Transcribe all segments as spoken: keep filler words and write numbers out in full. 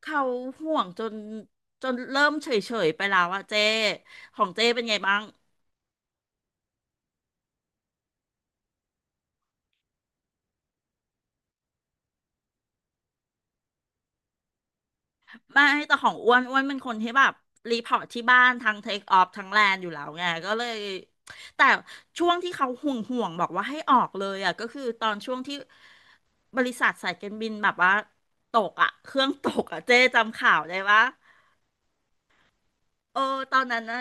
เขาห่วงจนจนเริ่มเฉยๆไปแล้วอะเจ้ของเจ้เป็นไงบ้างไม่แต่ของอ้วนอ้วนเป็นคนที่แบบรีพอร์ตที่บ้านทั้งเทคออฟทั้งแลนอยู่แล้วไงก็เลยแต่ช่วงที่เขาห่วงห่วงบอกว่าให้ออกเลยอะก็คือตอนช่วงที่บริษัทสายการบินแบบว่าตกอะเครื่องตกอะเจ้จำข่าวได้ปะเออตอนนั้นนะ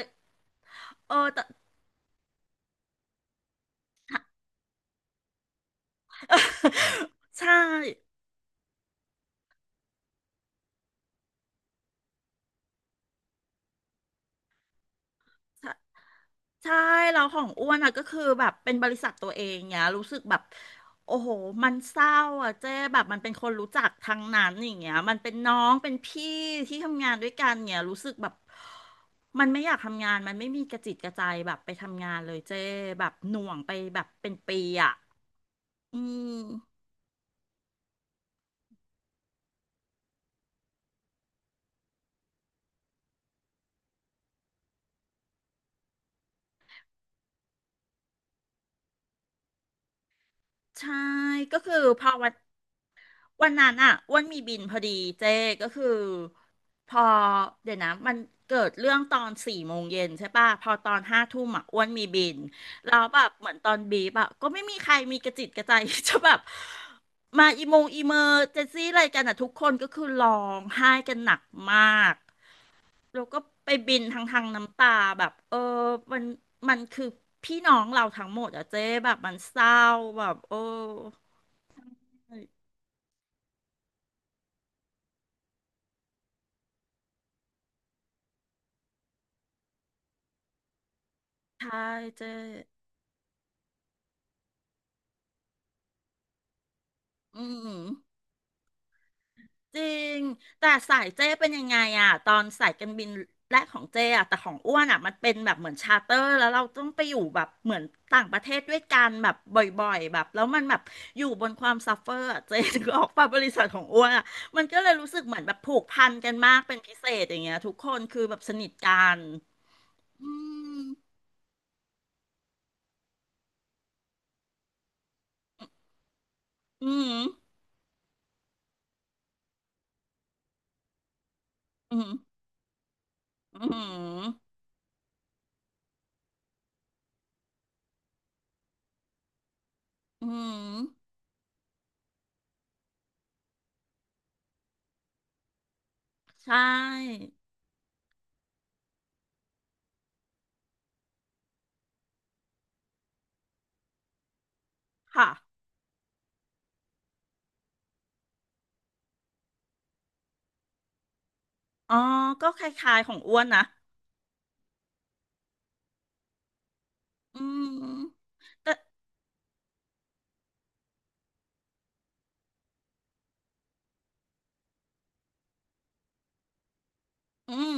เออแต่ ใช่ ใช่ใช่เราของอ้วนอ่ะก็คือแบบเป็นบริษัทตัวเองเนี่ยรู้สึกแบบโอ้โหมันเศร้าอ่ะเจ๊แบบมันเป็นคนรู้จักทั้งนั้นอย่างเงี้ยมันเป็นน้องเป็นพี่ที่ทำงานด้วยกันเนี่ยรู้สึกแบบมันไม่อยากทำงานมันไม่มีกระจิตกระใจแบบไปทำงานเลยเจ๊แบบหน่วงไปแบบเป็นปีอ่ะอืมใช่ก็คือพอวัน วันนั้นอ่ะอ้วนมีบินพอดีเจ๊ก็คือพอเดี๋ยวนะมันเกิดเรื่องตอนสี่โมงเย็นใช่ป่ะพอตอนห้าทุ่มอ่ะอ้วนมีบินแล้วแบบเหมือนตอนบีบอ่ะก็ไม่มีใครมีกระจิตกระใจ จะแบบมาอีโมงอีเมอร์เจนซี่อะไรกันอ่ะทุกคนก็คือร้องไห้กันหนักมากแล้วก็ไปบินทางทางน้ำตาแบบเออมันมันคือพี่น้องเราทั้งหมดอ่ะเจ๊แบบมันเศร้าแบบโอ้ใช่เจ๊ อืมจริงแต่สายเจ้เป็นยังไงอะตอนสายการบินแรกของเจ้อะแต่ของอ้วนอะมันเป็นแบบเหมือนชาร์เตอร์แล้วเราต้องไปอยู่แบบเหมือนต่างประเทศด้วยกันแบบบ่อยๆแบบแล้วมันแบบอยู่บนความซัฟเฟอร์อะเจ้ถึงออกปาบริษัทของอ้วนอะมันก็เลยรู้สึกเหมือนแบบผูกพันกันมากเป็นพิเศษอย่างเงี้ยทุกคนคือแบบสนิทกันอืมอืมอืมอืมอืมใช่ค่ะอ๋อก็คล้ายๆของอ้วนนะ อืมแต่อืม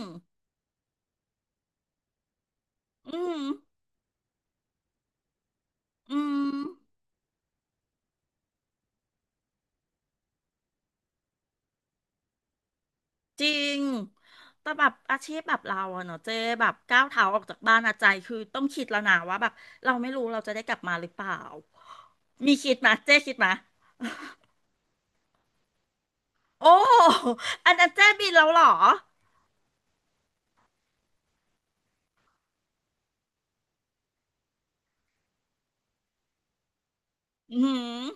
อืมอืมจริงแต่แบบอาชีพแบบเราอะเนาะเจ๊แบบก้าวเท้าออกจากบ้านอะใจคือต้องคิดแล้วนะว่าแบบเราไม่รู้เราจะได้กลับมาหรือเปล่ามีคิดไหมเจ๊คิดไหมโอ้อันนั้นเจ๊บินแล้วเหรออืม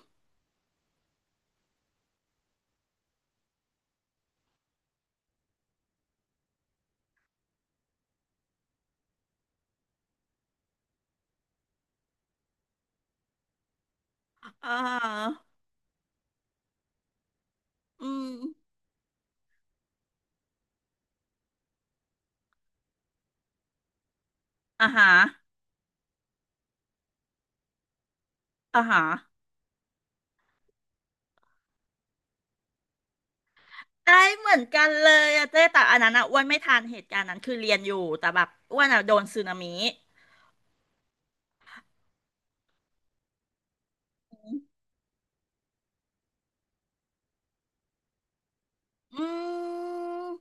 อ่าอืมอ่าฮะอ่าฮะได้เหมือนกันเลยอะเจ๊แต่อันนั้นอะอ้วนไม่ทันเหตุการณ์นั้นคือเรียนอยู่แต่แบบอ้วนอะโดนสึนามิอืม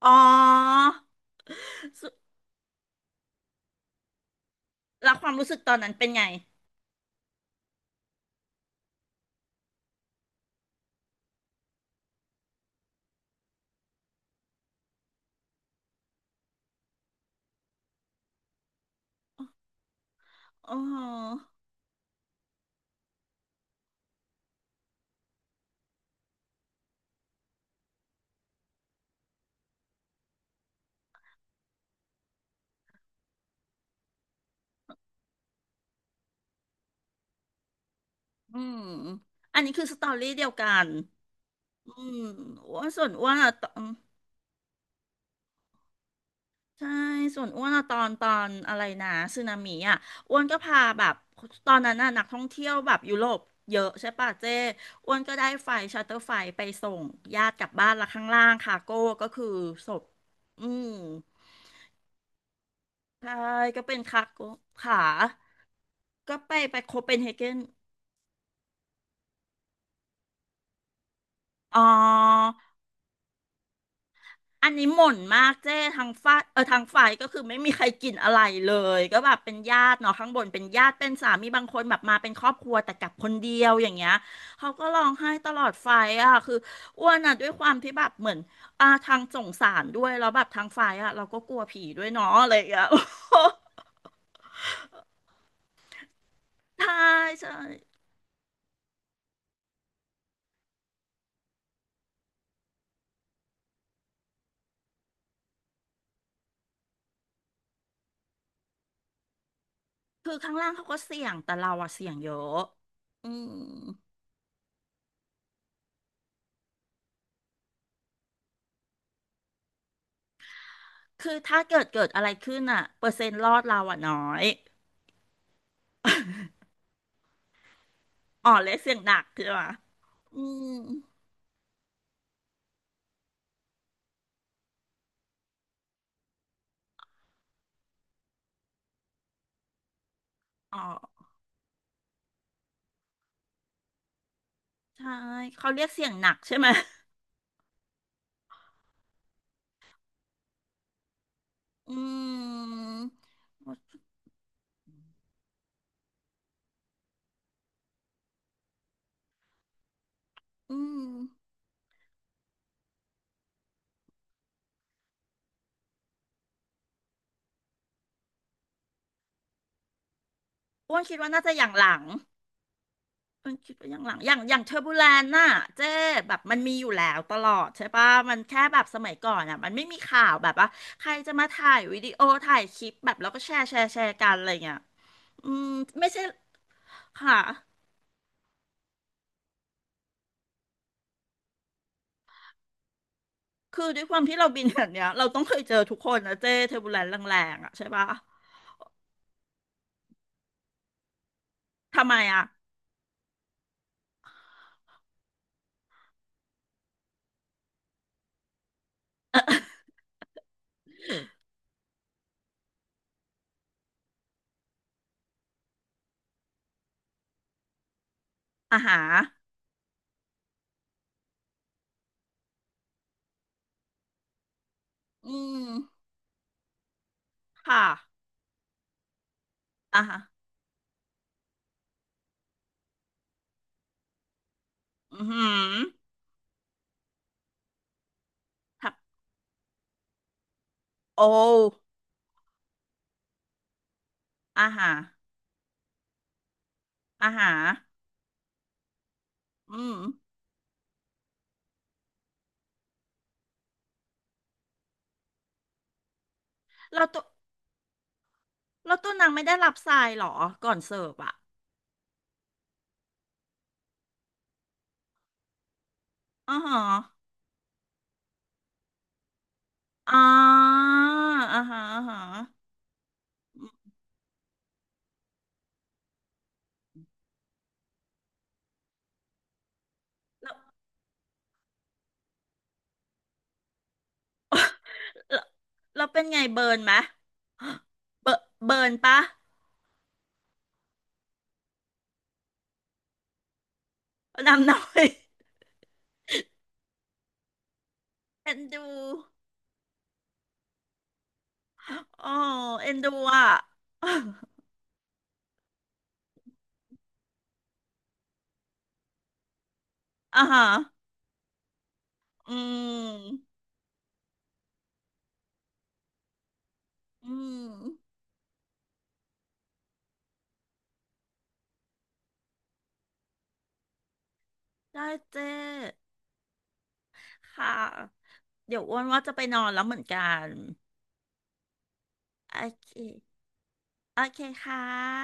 อ๋อสุแล้วความรู้สึกตอนนั้นเป็นไงอ๋ออืมอันนี้คือสตอรี่เดียวกันอืมอ้วนส่วนอ้วนอะตอนใช่ส่วนอ้วนอะตอนตอนอะไรนะสึนามิอะอ้วนก็พาแบบตอนนั้นน่ะนักท่องเที่ยวแบบยุโรปเยอะใช่ป่ะเจ้อ้วนก็ได้ไฟชาร์เตอร์ไฟไปส่งญาติกลับบ้านละข้างล่างคาโก้ก็คือศพอืมใช่ก็เป็นคาโก้ขาก็ไปไปโคเปนเฮเกนอ๋อ อันนี้หม่นมากเจ้ทางฝ้ายเออทางฝ่ายก็คือไม่มีใครกินอะไรเลยก็แบบเป็นญาติเนาะข้างบนเป็นญาติเป็นสามีบางคนแบบมาเป็นครอบครัวแต่กลับคนเดียวอย่างเงี้ยเขาก็ร้องไห้ตลอดไฟอ่ะคืออ้วนอ่ะด้วยความที่แบบเหมือนอ่าทางสงสารด้วยแล้วแบบทางฝ่ายอ่ะเราก็กลัวผีด้วยเนาะอะไรอย่างเงี้ย ใช่ใช่คือข้างล่างเขาก็เสี่ยงแต่เราอะเสี่ยงเยอะอืมคือถ้าเกิดเกิดอะไรขึ้นอะเปอร์เซ็นต์รอดเราอะน้อย อ๋อเรียกเสียงหนักใช่ไหมอืมอ๋อใช่เขาเรียกเสียงหนักใช่ไหมอืมอืมอ้วนคิดว่าน่าจะอย่างหลังอ้วนคิดว่าอย่างหลังอย่างอย่างเทอร์บูแลนน่ะเจ๊แบบมันมีอยู่แล้วตลอดใช่ปะมันแค่แบบสมัยก่อนอ่ะมันไม่มีข่าวแบบว่าใครจะมาถ่ายวิดีโอถ่ายคลิปแบบแล้วก็แชร์แชร์แชร์กันอะไรเงี้ยอืมไม่ใช่ ค่ะ คือด้วยความที่เราบินแบบเนี้ย เราต้องเคยเจอทุกคนนะเจ๊เทอร์บูแลนแรงๆอ่ะใช่ปะ ทำไมอ่ะอาหาอืมค่ะอาหาอือหือทับโออาหาอาหาอืมเราตัวเราตัวนางไม่ได้รับทรายเหรอก่อนเสิร์ฟอ่ะอ๋อฮะอ๋ออ่าฮะอ่าฮะเราเราเป็นไงเบิร์นไหมเบเบิร์นปะนำหน่อย เอ็นดูอ๋อเอ็นดูอ่ะ อ่าฮะอืมอืม ได้เจ้ ค่ะเดี๋ยวอ้วนว่าจะไปนอนแล้วเหมือนกันโอเคโอเคค่ะ